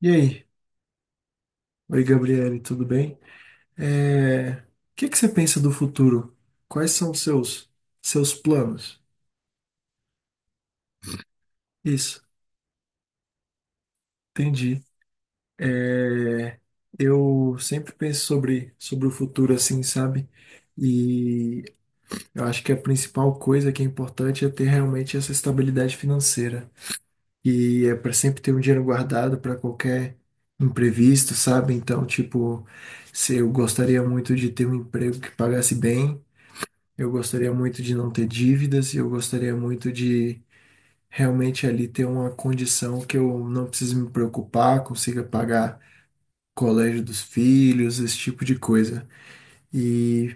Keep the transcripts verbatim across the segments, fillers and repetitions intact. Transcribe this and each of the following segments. E aí? Oi, Gabriele, tudo bem? É, O que que você pensa do futuro? Quais são os seus seus planos? Isso, entendi. É, Eu sempre penso sobre sobre o futuro assim, sabe? E eu acho que a principal coisa que é importante é ter realmente essa estabilidade financeira. E é para sempre ter um dinheiro guardado para qualquer imprevisto, sabe? Então, tipo, se eu gostaria muito de ter um emprego que pagasse bem. Eu gostaria muito de não ter dívidas, e eu gostaria muito de realmente ali ter uma condição que eu não precise me preocupar, consiga pagar colégio dos filhos, esse tipo de coisa. E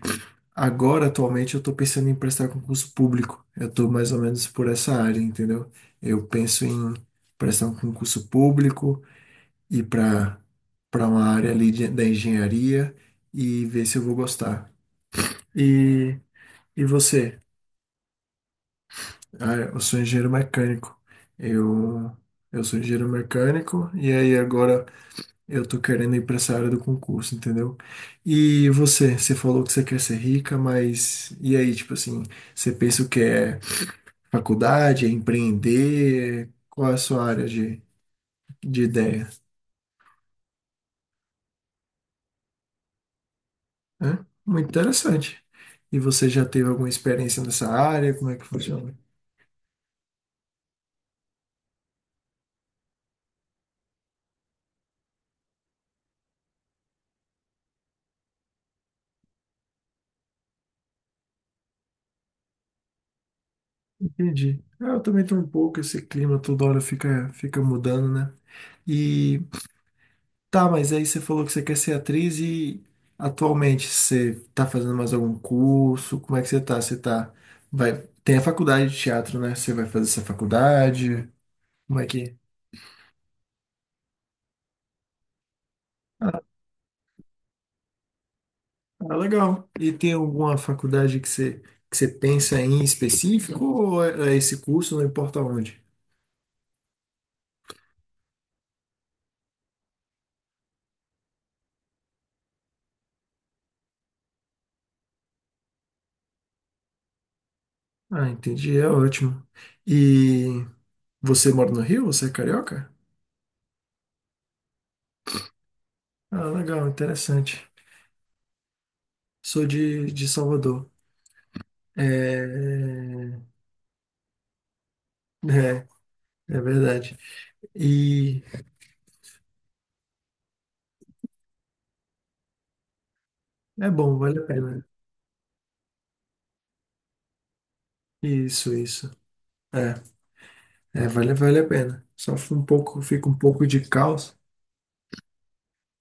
agora, atualmente, eu estou pensando em prestar concurso público. Eu estou mais ou menos por essa área, entendeu? Eu penso em prestar um concurso público e para para uma área ali de- da engenharia e ver se eu vou gostar. E, e você? Ah, eu sou engenheiro mecânico. Eu, eu sou engenheiro mecânico e aí agora eu tô querendo ir para essa área do concurso, entendeu? E você, você falou que você quer ser rica, mas e aí, tipo assim, você pensa o que é faculdade, é empreender? Qual é a sua área de, de ideia? Hã? Muito interessante. E você já teve alguma experiência nessa área? Como é que funciona? Entendi. Ah, eu também tô um pouco, esse clima toda hora fica, fica mudando, né? E Tá, mas aí você falou que você quer ser atriz e atualmente você tá fazendo mais algum curso? Como é que você tá? Você tá. Vai... Tem a faculdade de teatro, né? Você vai fazer essa faculdade? Como é que. Ah, ah, legal. E tem alguma faculdade que você, que você pensa em específico ou é é esse curso, não importa onde? Ah, entendi, é ótimo. E você mora no Rio? Você é carioca? Ah, legal, interessante. Sou de, de Salvador. É, é. É verdade. E é bom, vale a pena. Isso, isso. É, é, vale, vale a pena. Só fica um pouco, fica um pouco de caos.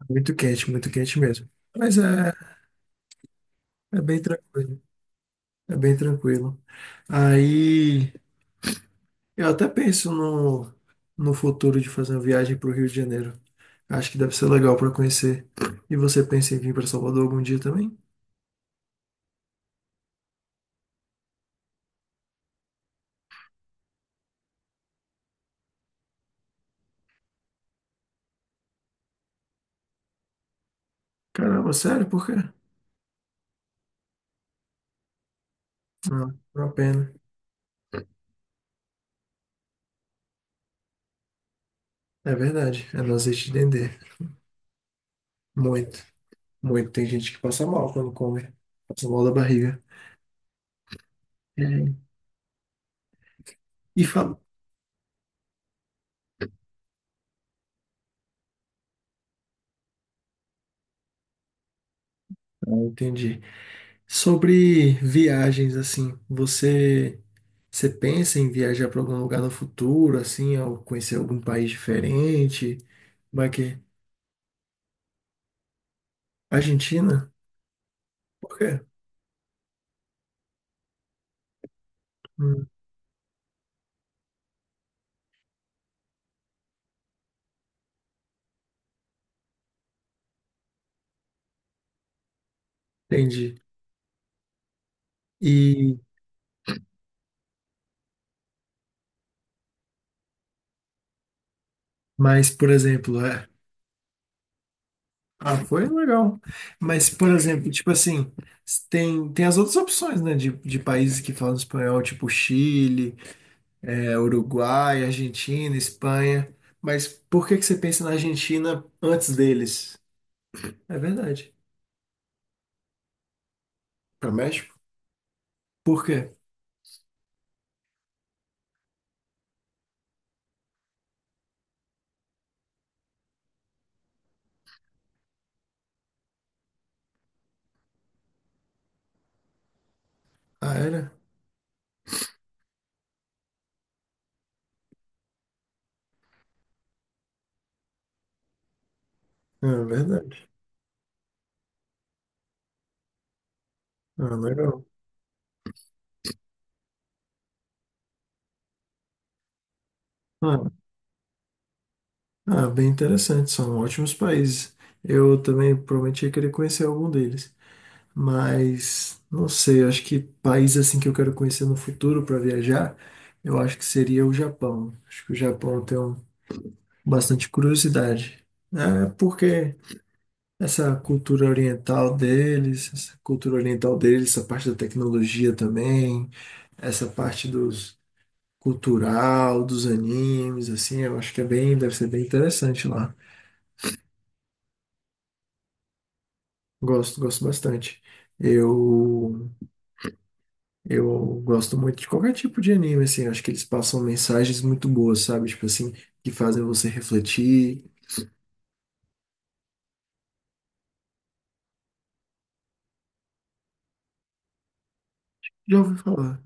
Muito quente, muito quente mesmo. Mas é, é bem tranquilo. É bem tranquilo. Aí eu até penso no, no futuro de fazer uma viagem para o Rio de Janeiro. Acho que deve ser legal para conhecer. E você pensa em vir para Salvador algum dia também? Caramba, sério? Por quê? Não, não é uma pena. É verdade. É nós de entender. Muito. Muito. Tem gente que passa mal quando come. Passa mal da barriga. É. E fala. Ah, entendi. Sobre viagens, assim, você, você pensa em viajar para algum lugar no futuro, assim, ou conhecer algum país diferente? Como é que é? Argentina? Por quê? Hum, entendi. E, mas, por exemplo, é. Ah, foi legal. Mas, por exemplo, tipo assim, tem, tem as outras opções, né, de, de países que falam espanhol, tipo Chile. é, Uruguai, Argentina, Espanha. Mas por que que você pensa na Argentina antes deles? É verdade. Para México? Por quê? Ah, era? Ah, verdade. Ah, legal. Ah, ah, bem interessante. São ótimos países. Eu também prometi querer conhecer algum deles. Mas não sei, acho que país assim que eu quero conhecer no futuro para viajar, eu acho que seria o Japão. Acho que o Japão eu tenho bastante curiosidade. É porque Essa cultura oriental deles, essa cultura oriental deles, essa parte da tecnologia também, essa parte dos cultural, dos animes, assim, eu acho que é bem, deve ser bem interessante lá. Gosto, gosto bastante. Eu, eu gosto muito de qualquer tipo de anime, assim, acho que eles passam mensagens muito boas, sabe? Tipo assim, que fazem você refletir. Já ouvi falar,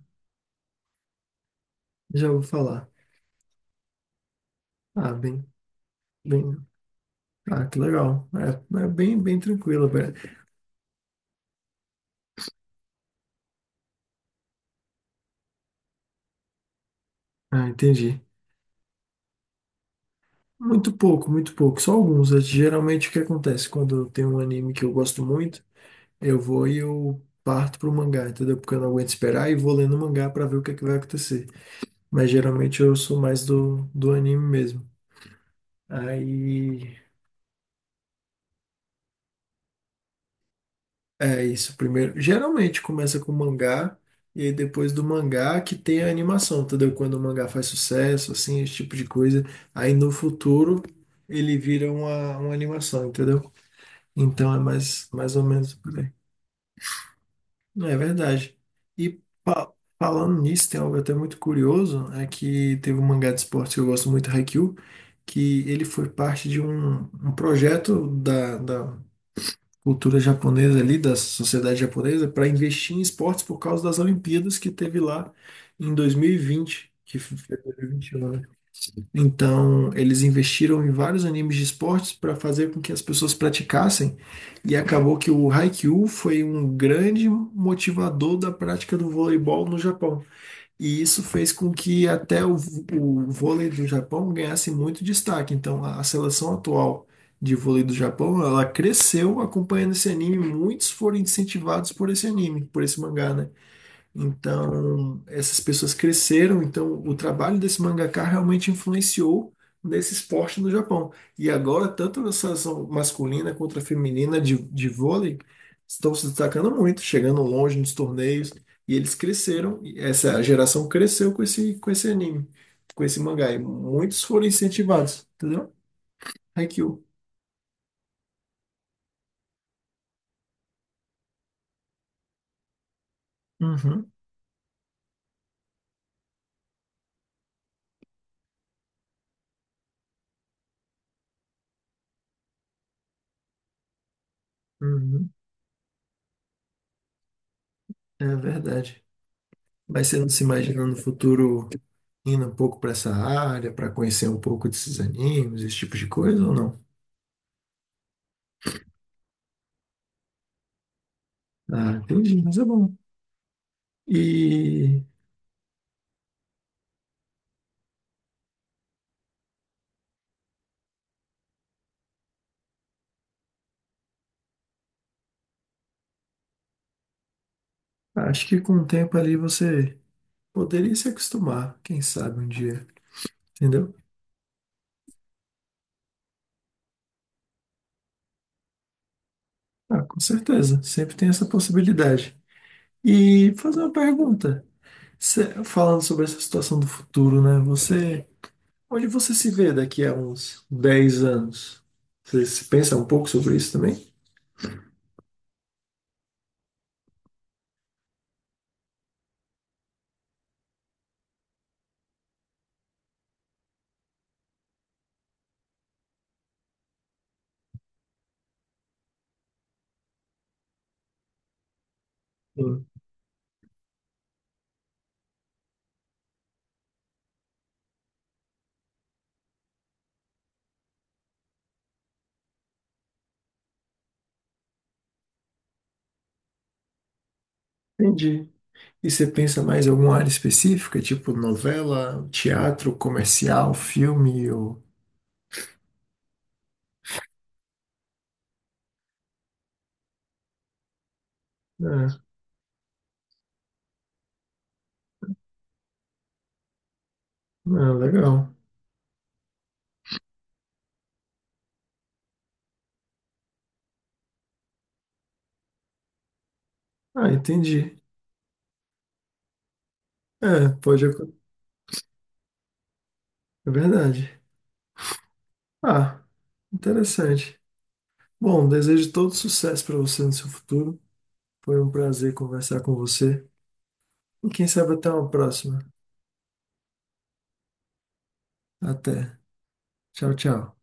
já ouvi falar. Ah, bem, bem, ah, que legal. É, é bem, bem tranquilo, velho. Ah, entendi. Muito pouco, muito pouco, só alguns. É, geralmente o que acontece quando tem um anime que eu gosto muito, eu vou e eu parto pro mangá, entendeu? Porque eu não aguento esperar e vou lendo o mangá pra ver o que é que vai acontecer. Mas geralmente eu sou mais do, do anime mesmo. Aí é isso, primeiro. Geralmente começa com mangá e aí depois do mangá que tem a animação, entendeu? Quando o mangá faz sucesso, assim, esse tipo de coisa, aí no futuro ele vira uma, uma animação, entendeu? Então é mais, mais ou menos. Não, é verdade. E fa- falando nisso, tem algo até muito curioso, é que teve um mangá de esportes que eu gosto muito, Haikyuu, que ele foi parte de um, um projeto da, da cultura japonesa ali, da sociedade japonesa, para investir em esportes por causa das Olimpíadas que teve lá em dois mil e vinte, que foi dois mil e vinte e um. Então, eles investiram em vários animes de esportes para fazer com que as pessoas praticassem, e acabou que o Haikyuu foi um grande motivador da prática do voleibol no Japão. E isso fez com que até o, v- o vôlei do Japão ganhasse muito destaque. Então, a, a seleção atual de, vôlei do Japão, ela cresceu acompanhando esse anime, muitos foram incentivados por esse anime, por esse mangá, né? Então, essas pessoas cresceram, então o trabalho desse mangaka realmente influenciou nesse esporte no Japão. E agora, tanto a seleção masculina quanto a feminina de, de vôlei estão se destacando muito, chegando longe nos torneios, e eles cresceram, e essa geração cresceu com esse, com esse anime, com esse mangá, e muitos foram incentivados, entendeu? Haikyuu. Uhum, uhum, é verdade. Mas você não se imagina no futuro indo um pouco para essa área, para conhecer um pouco desses animes, esse tipo de coisa ou não? Ah, entendi, mas é bom. E acho que com o tempo ali você poderia se acostumar, quem sabe um dia, entendeu? Ah, com certeza, sempre tem essa possibilidade. E fazer uma pergunta, Cê- falando sobre essa situação do futuro, né? Você, onde você se vê daqui a uns dez anos? Você se pensa um pouco sobre isso também? Sim, entendi. E você pensa mais em alguma área específica, tipo novela, teatro, comercial, filme ou... É, ah, legal. Ah, entendi. É, pode... acon- É verdade. Ah, interessante. Bom, desejo todo sucesso para você no seu futuro. Foi um prazer conversar com você. E quem sabe até uma próxima. Até. Tchau, tchau.